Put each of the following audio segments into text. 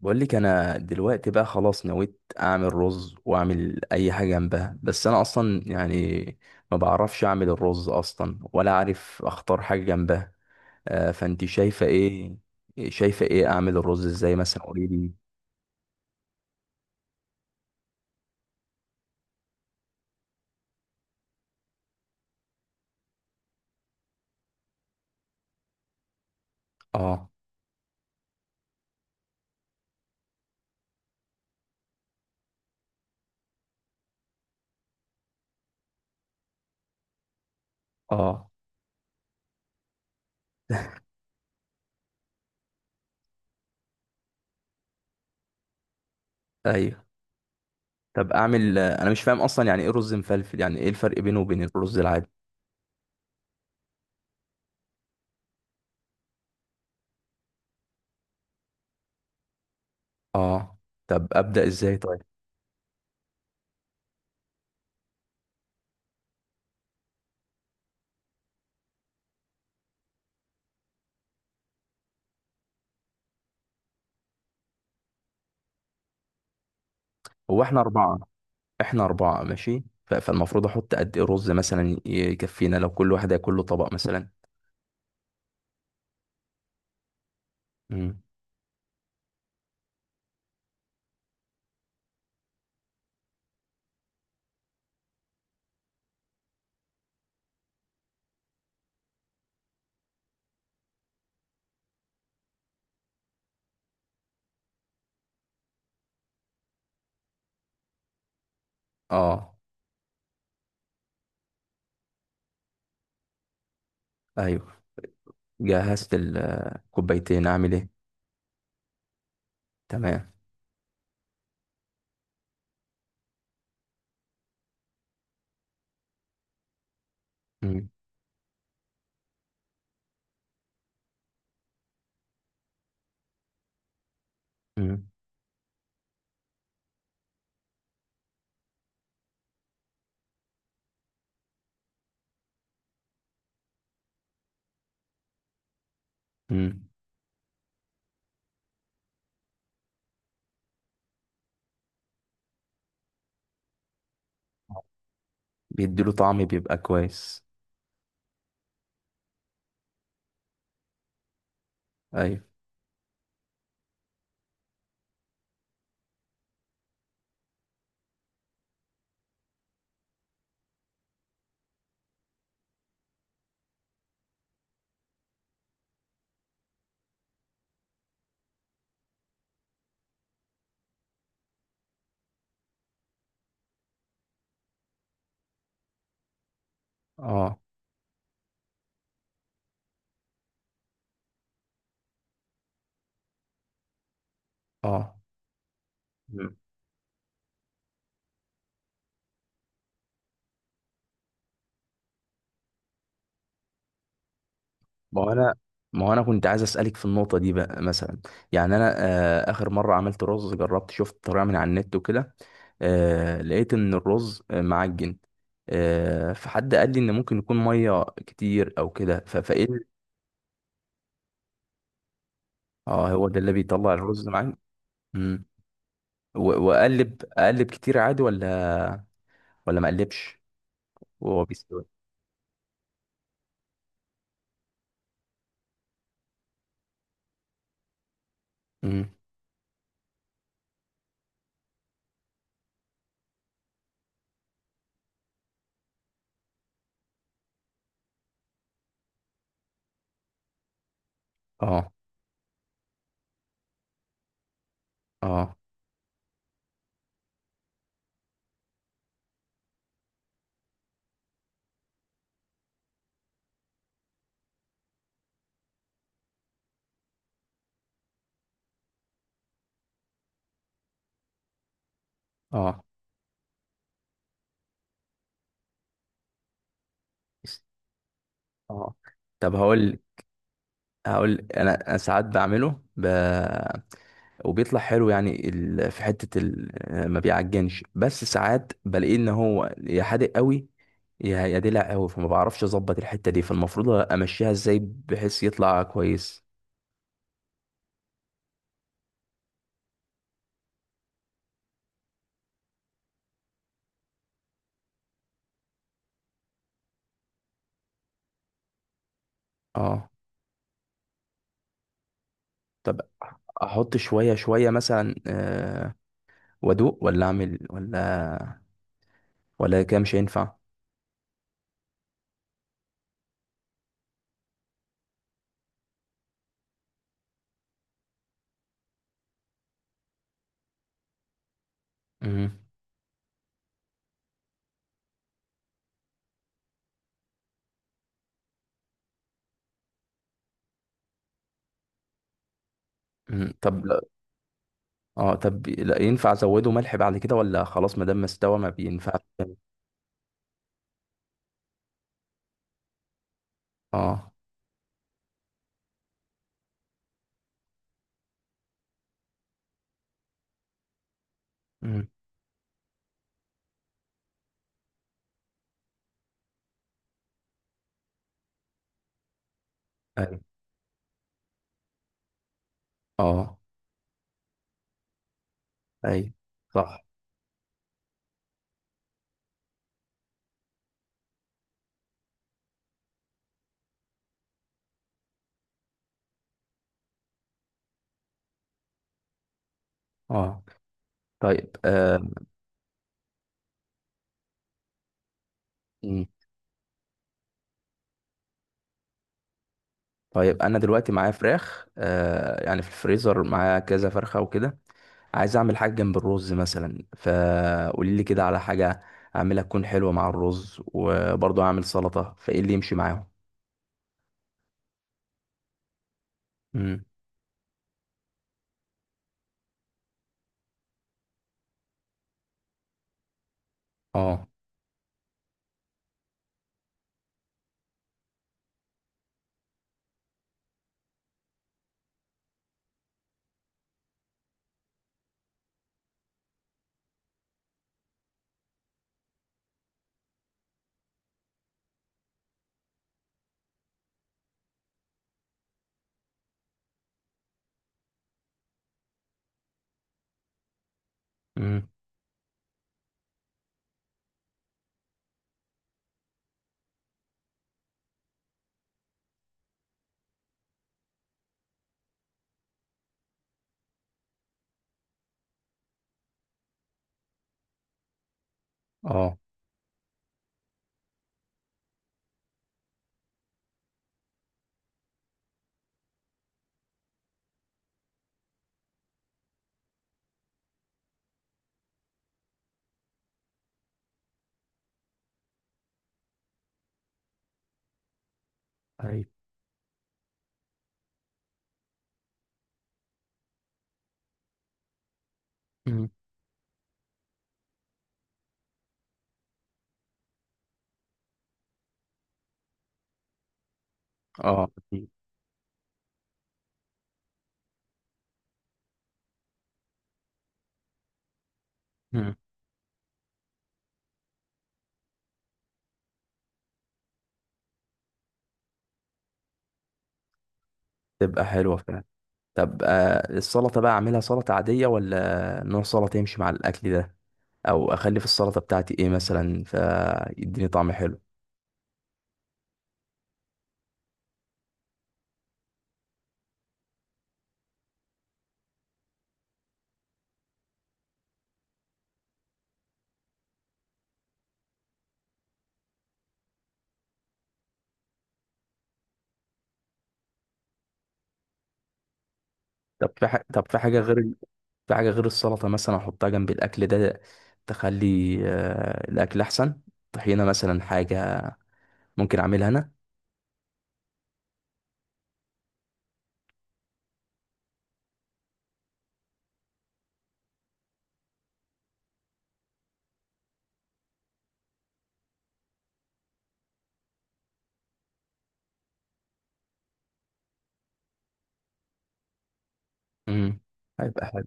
بقول لك انا دلوقتي بقى خلاص نويت اعمل رز واعمل اي حاجه جنبها، بس انا اصلا يعني ما بعرفش اعمل الرز اصلا ولا عارف اختار حاجه جنبها. آه، فانت شايفه ايه؟ شايفه ايه اعمل الرز ازاي مثلا؟ قولي لي. اه. اه. ايوه. طب اعمل، انا مش فاهم اصلا يعني ايه رز مفلفل؟ يعني ايه الفرق بينه وبين الرز العادي؟ اه. طب ابدا ازاي طيب؟ هو احنا اربعه. احنا اربعة ماشي، فالمفروض احط قد ايه رز مثلا يكفينا لو كل واحد هياكل له طبق مثلا؟ امم. اه. ايوه. جهزت الكوبايتين، اعمل ايه؟ تمام. امم. امم. امم. بيديله طعم، بيبقى كويس. ايوه. اه. اه. ما هو انا ما هو انا كنت عايز اسالك في النقطه دي بقى مثلا. يعني انا، اخر مره عملت رز، جربت شفت طريقه من على النت وكده. لقيت ان الرز معجن. فحد قال لي ان ممكن يكون ميه كتير او كده. فايه اه هو ده اللي بيطلع الرز معجن. مم. واقلب كتير عادي؟ ولا ما اقلبش؟ وهو بيستوي؟ مم. اه. اه. اه. اه. طب هقول انا ساعات بعمله وبيطلع حلو، يعني في حتة ما بيعجنش، بس ساعات بلاقيه ان هو يا حادق قوي، يا دلع قوي، فما بعرفش اظبط الحتة دي، فالمفروض امشيها ازاي بحيث يطلع كويس؟ اه. طب احط شوية شوية مثلا، وادوق ولا اعمل ولا كده مش هينفع؟ مم. مم. طب لا- اه طب، لا ينفع ازوده ملح بعد كده ولا خلاص ما دام ما استوى ما بينفعش تاني؟ اه. مم. اه. اي. صح. اه. طيب. آه. مم. طيب انا دلوقتي معايا فراخ، يعني في الفريزر معايا كذا فرخه وكده. عايز اعمل حاجه جنب الرز مثلا، فقولي لي كده على حاجه اعملها تكون حلوه مع الرز، وبرضه اعمل سلطه، فايه اللي يمشي معاهم؟ امم. اه. امم. اه. اي. امم. اه. أكيد. مم. تبقى حلوه فعلا. طب، السلطة بقى أعملها سلطة عادية ولا نوع سلطة يمشي مع الأكل ده؟ أو أخلي في السلطة بتاعتي إيه مثلا فيديني طعم حلو؟ طب في حاجة غير السلطة مثلا أحطها جنب الأكل ده تخلي، الأكل أحسن؟ طحينة مثلا، حاجة ممكن أعملها أنا؟ امم. هيبقى حلو.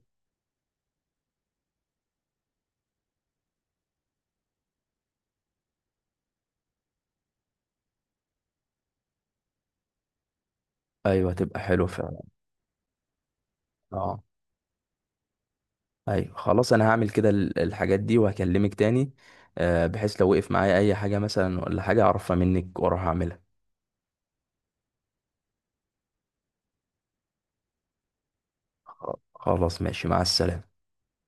أيوه هتبقى حلو فعلا. أه. أيوه خلاص، أنا هعمل كده الحاجات دي وهكلمك تاني، بحيث لو وقف معايا أي حاجة مثلا ولا حاجة أعرفها منك وأروح أعملها. خلاص ماشي، مع السلامة.